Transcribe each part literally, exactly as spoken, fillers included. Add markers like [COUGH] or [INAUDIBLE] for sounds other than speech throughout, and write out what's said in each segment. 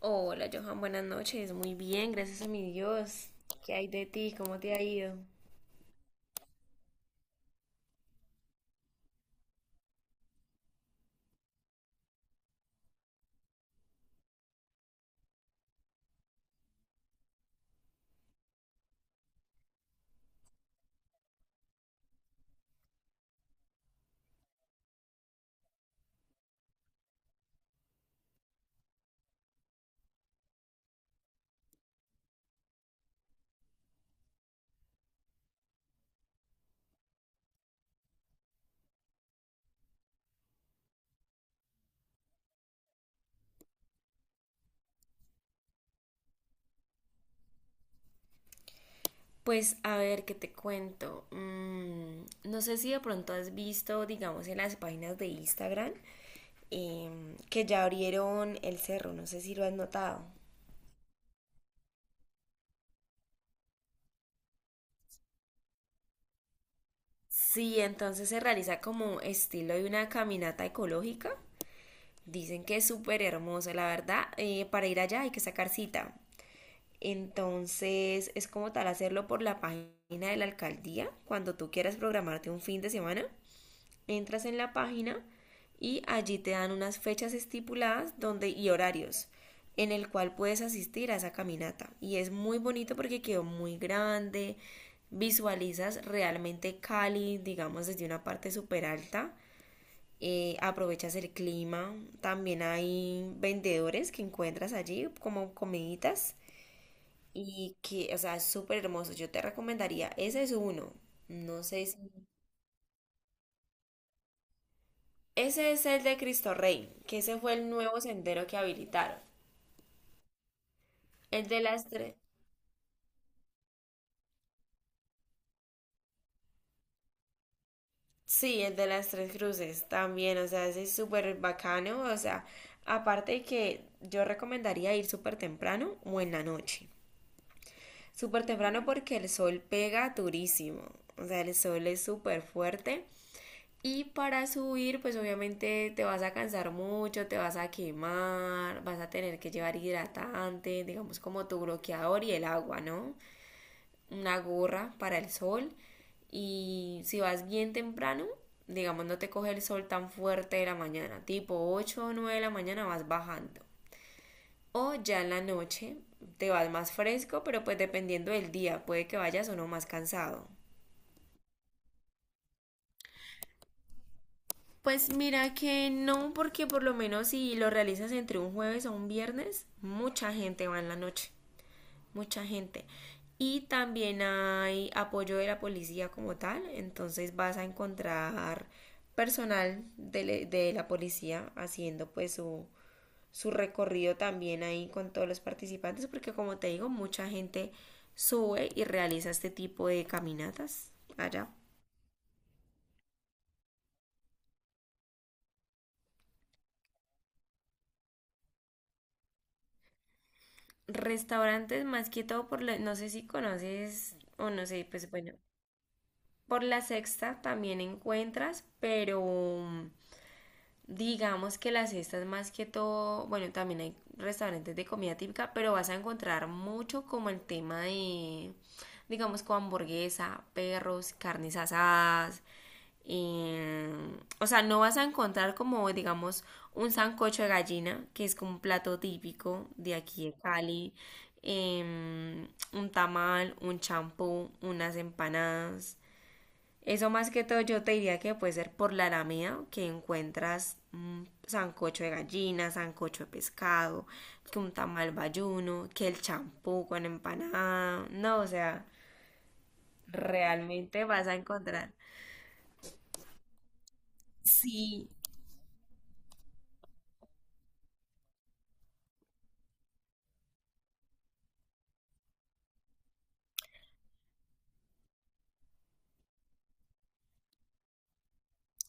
Hola Johan, buenas noches. Muy bien, gracias a mi Dios. ¿Qué hay de ti? ¿Cómo te ha ido? Pues a ver, ¿qué te cuento? Mm, no sé si de pronto has visto, digamos, en las páginas de Instagram em, que ya abrieron el cerro, no sé si lo has notado. Sí, entonces se realiza como estilo de una caminata ecológica. Dicen que es súper hermoso, la verdad. Eh, para ir allá hay que sacar cita. Entonces es como tal hacerlo por la página de la alcaldía. Cuando tú quieras programarte un fin de semana, entras en la página y allí te dan unas fechas estipuladas donde, y horarios en el cual puedes asistir a esa caminata. Y es muy bonito porque quedó muy grande, visualizas realmente Cali, digamos, desde una parte súper alta. Eh, aprovechas el clima, también hay vendedores que encuentras allí como comiditas y que, o sea, es súper hermoso. Yo te recomendaría, ese es uno. No sé si... Ese es el de Cristo Rey, que ese fue el nuevo sendero que habilitaron. El de las tres... Sí, el de las tres cruces también, o sea, ese es súper bacano. O sea, aparte de que yo recomendaría ir súper temprano o en la noche. Súper temprano porque el sol pega durísimo. O sea, el sol es súper fuerte. Y para subir, pues obviamente te vas a cansar mucho, te vas a quemar, vas a tener que llevar hidratante, digamos como tu bloqueador y el agua, ¿no? Una gorra para el sol. Y si vas bien temprano, digamos no te coge el sol tan fuerte de la mañana, tipo ocho o nueve de la mañana vas bajando. O ya en la noche te vas más fresco, pero pues dependiendo del día, puede que vayas o no más cansado. Pues mira que no, porque por lo menos si lo realizas entre un jueves o un viernes, mucha gente va en la noche, mucha gente. Y también hay apoyo de la policía como tal, entonces vas a encontrar personal de, le- de la policía haciendo pues su, su recorrido también ahí con todos los participantes, porque como te digo, mucha gente sube y realiza este tipo de caminatas allá. Restaurantes más que todo por la, no sé si conoces o no sé, pues bueno, por la Sexta también encuentras, pero digamos que las cesta más que todo, bueno, también hay restaurantes de comida típica, pero vas a encontrar mucho como el tema de, digamos, con hamburguesa, perros, carnes asadas. eh, o sea, no vas a encontrar como, digamos, un sancocho de gallina, que es como un plato típico de aquí de Cali, em, un tamal, un champú, unas empanadas. Eso más que todo yo te diría que puede ser por la Alameda, que encuentras mm, sancocho de gallina, sancocho de pescado, que un tamal bayuno, que el champú con empanada. No, o sea, realmente vas a encontrar. Sí,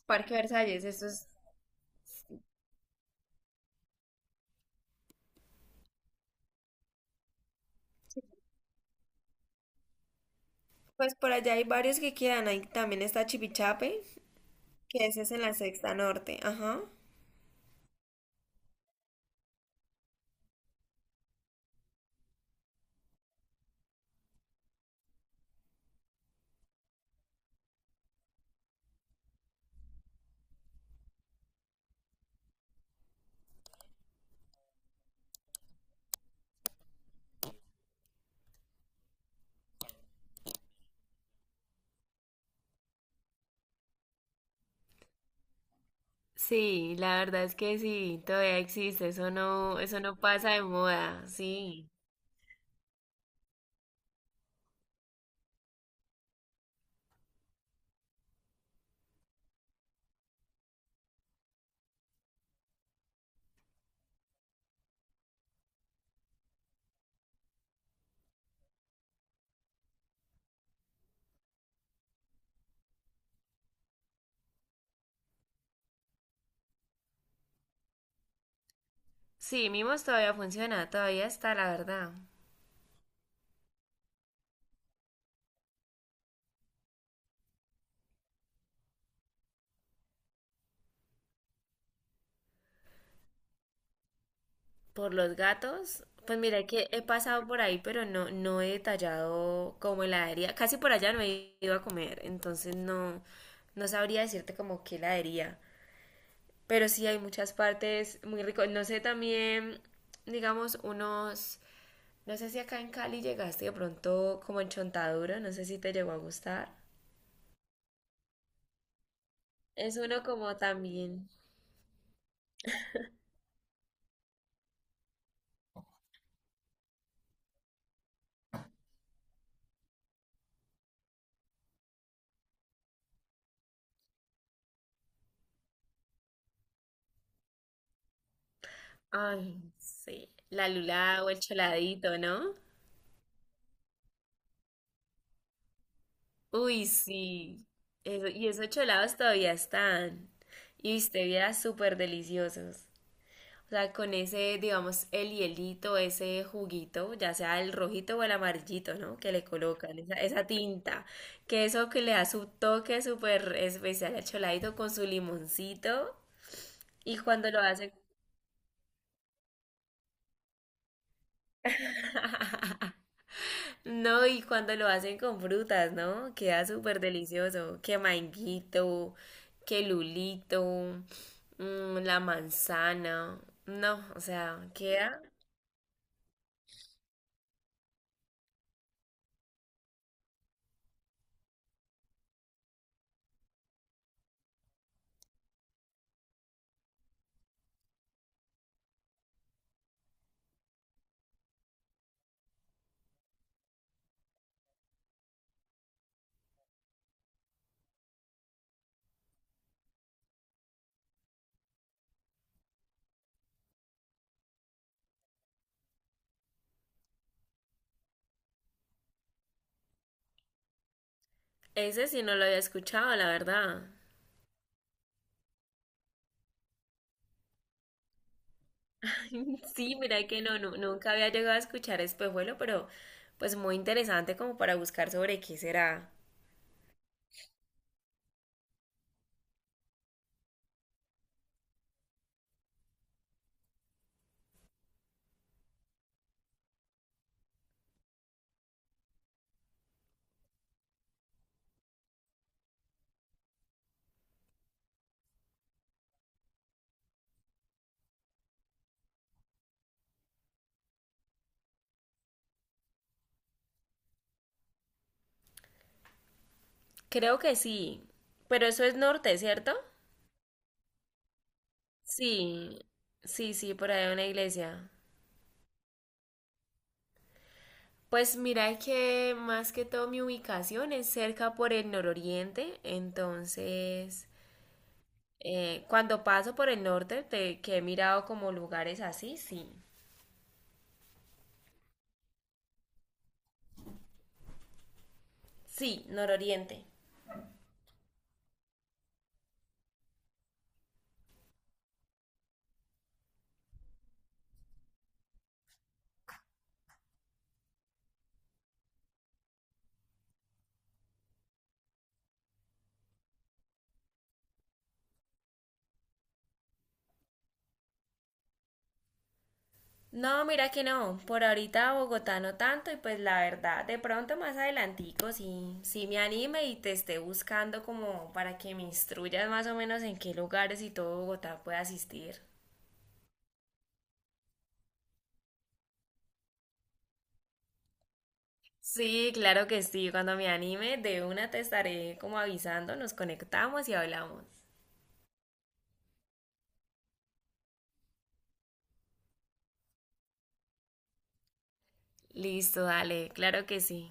Parque Versalles, eso es... Pues por allá hay varios que quedan. Ahí también está Chipichape, que ese es en la Sexta Norte. Ajá. Sí, la verdad es que sí, todavía existe, eso no, eso no pasa de moda, sí. Sí, Mimos todavía funciona, todavía está, la verdad. Por los gatos, pues mira que he pasado por ahí, pero no, no he detallado como heladería. Casi por allá no he ido a comer, entonces no, no sabría decirte como qué heladería. Pero sí hay muchas partes muy ricas. No sé también, digamos, unos, no sé si acá en Cali llegaste de pronto como en Chontaduro, no sé si te llegó a gustar. Es uno como también, ay, sí, la lula o el choladito, ¿no? Uy, sí. Eso, y esos cholados todavía están. Y viste, viera súper deliciosos. O sea, con ese, digamos, el hielito, ese juguito, ya sea el rojito o el amarillito, ¿no? Que le colocan, esa, esa tinta. Que eso que le da su toque súper especial al choladito con su limoncito. Y cuando lo hacen. [LAUGHS] No, y cuando lo hacen con frutas, ¿no? Queda súper delicioso. Que manguito, que lulito, mm, la manzana. No, o sea, queda. Ese sí no lo había escuchado, la verdad. [LAUGHS] Sí, mira que no, nu- nunca había llegado a escuchar espejuelo, pero pues muy interesante como para buscar sobre qué será. Creo que sí, pero eso es norte, ¿cierto? Sí, sí, sí, por ahí hay una iglesia. Pues mira que más que todo mi ubicación es cerca por el nororiente, entonces eh, cuando paso por el norte, te- que he mirado como lugares así, sí, sí, nororiente. No, mira que no, por ahorita Bogotá no tanto y pues la verdad, de pronto más adelantico sí, sí me anime y te esté buscando como para que me instruyas más o menos en qué lugares y todo Bogotá pueda asistir. Sí, claro que sí. Cuando me anime, de una te estaré como avisando, nos conectamos y hablamos. Listo, dale, claro que sí.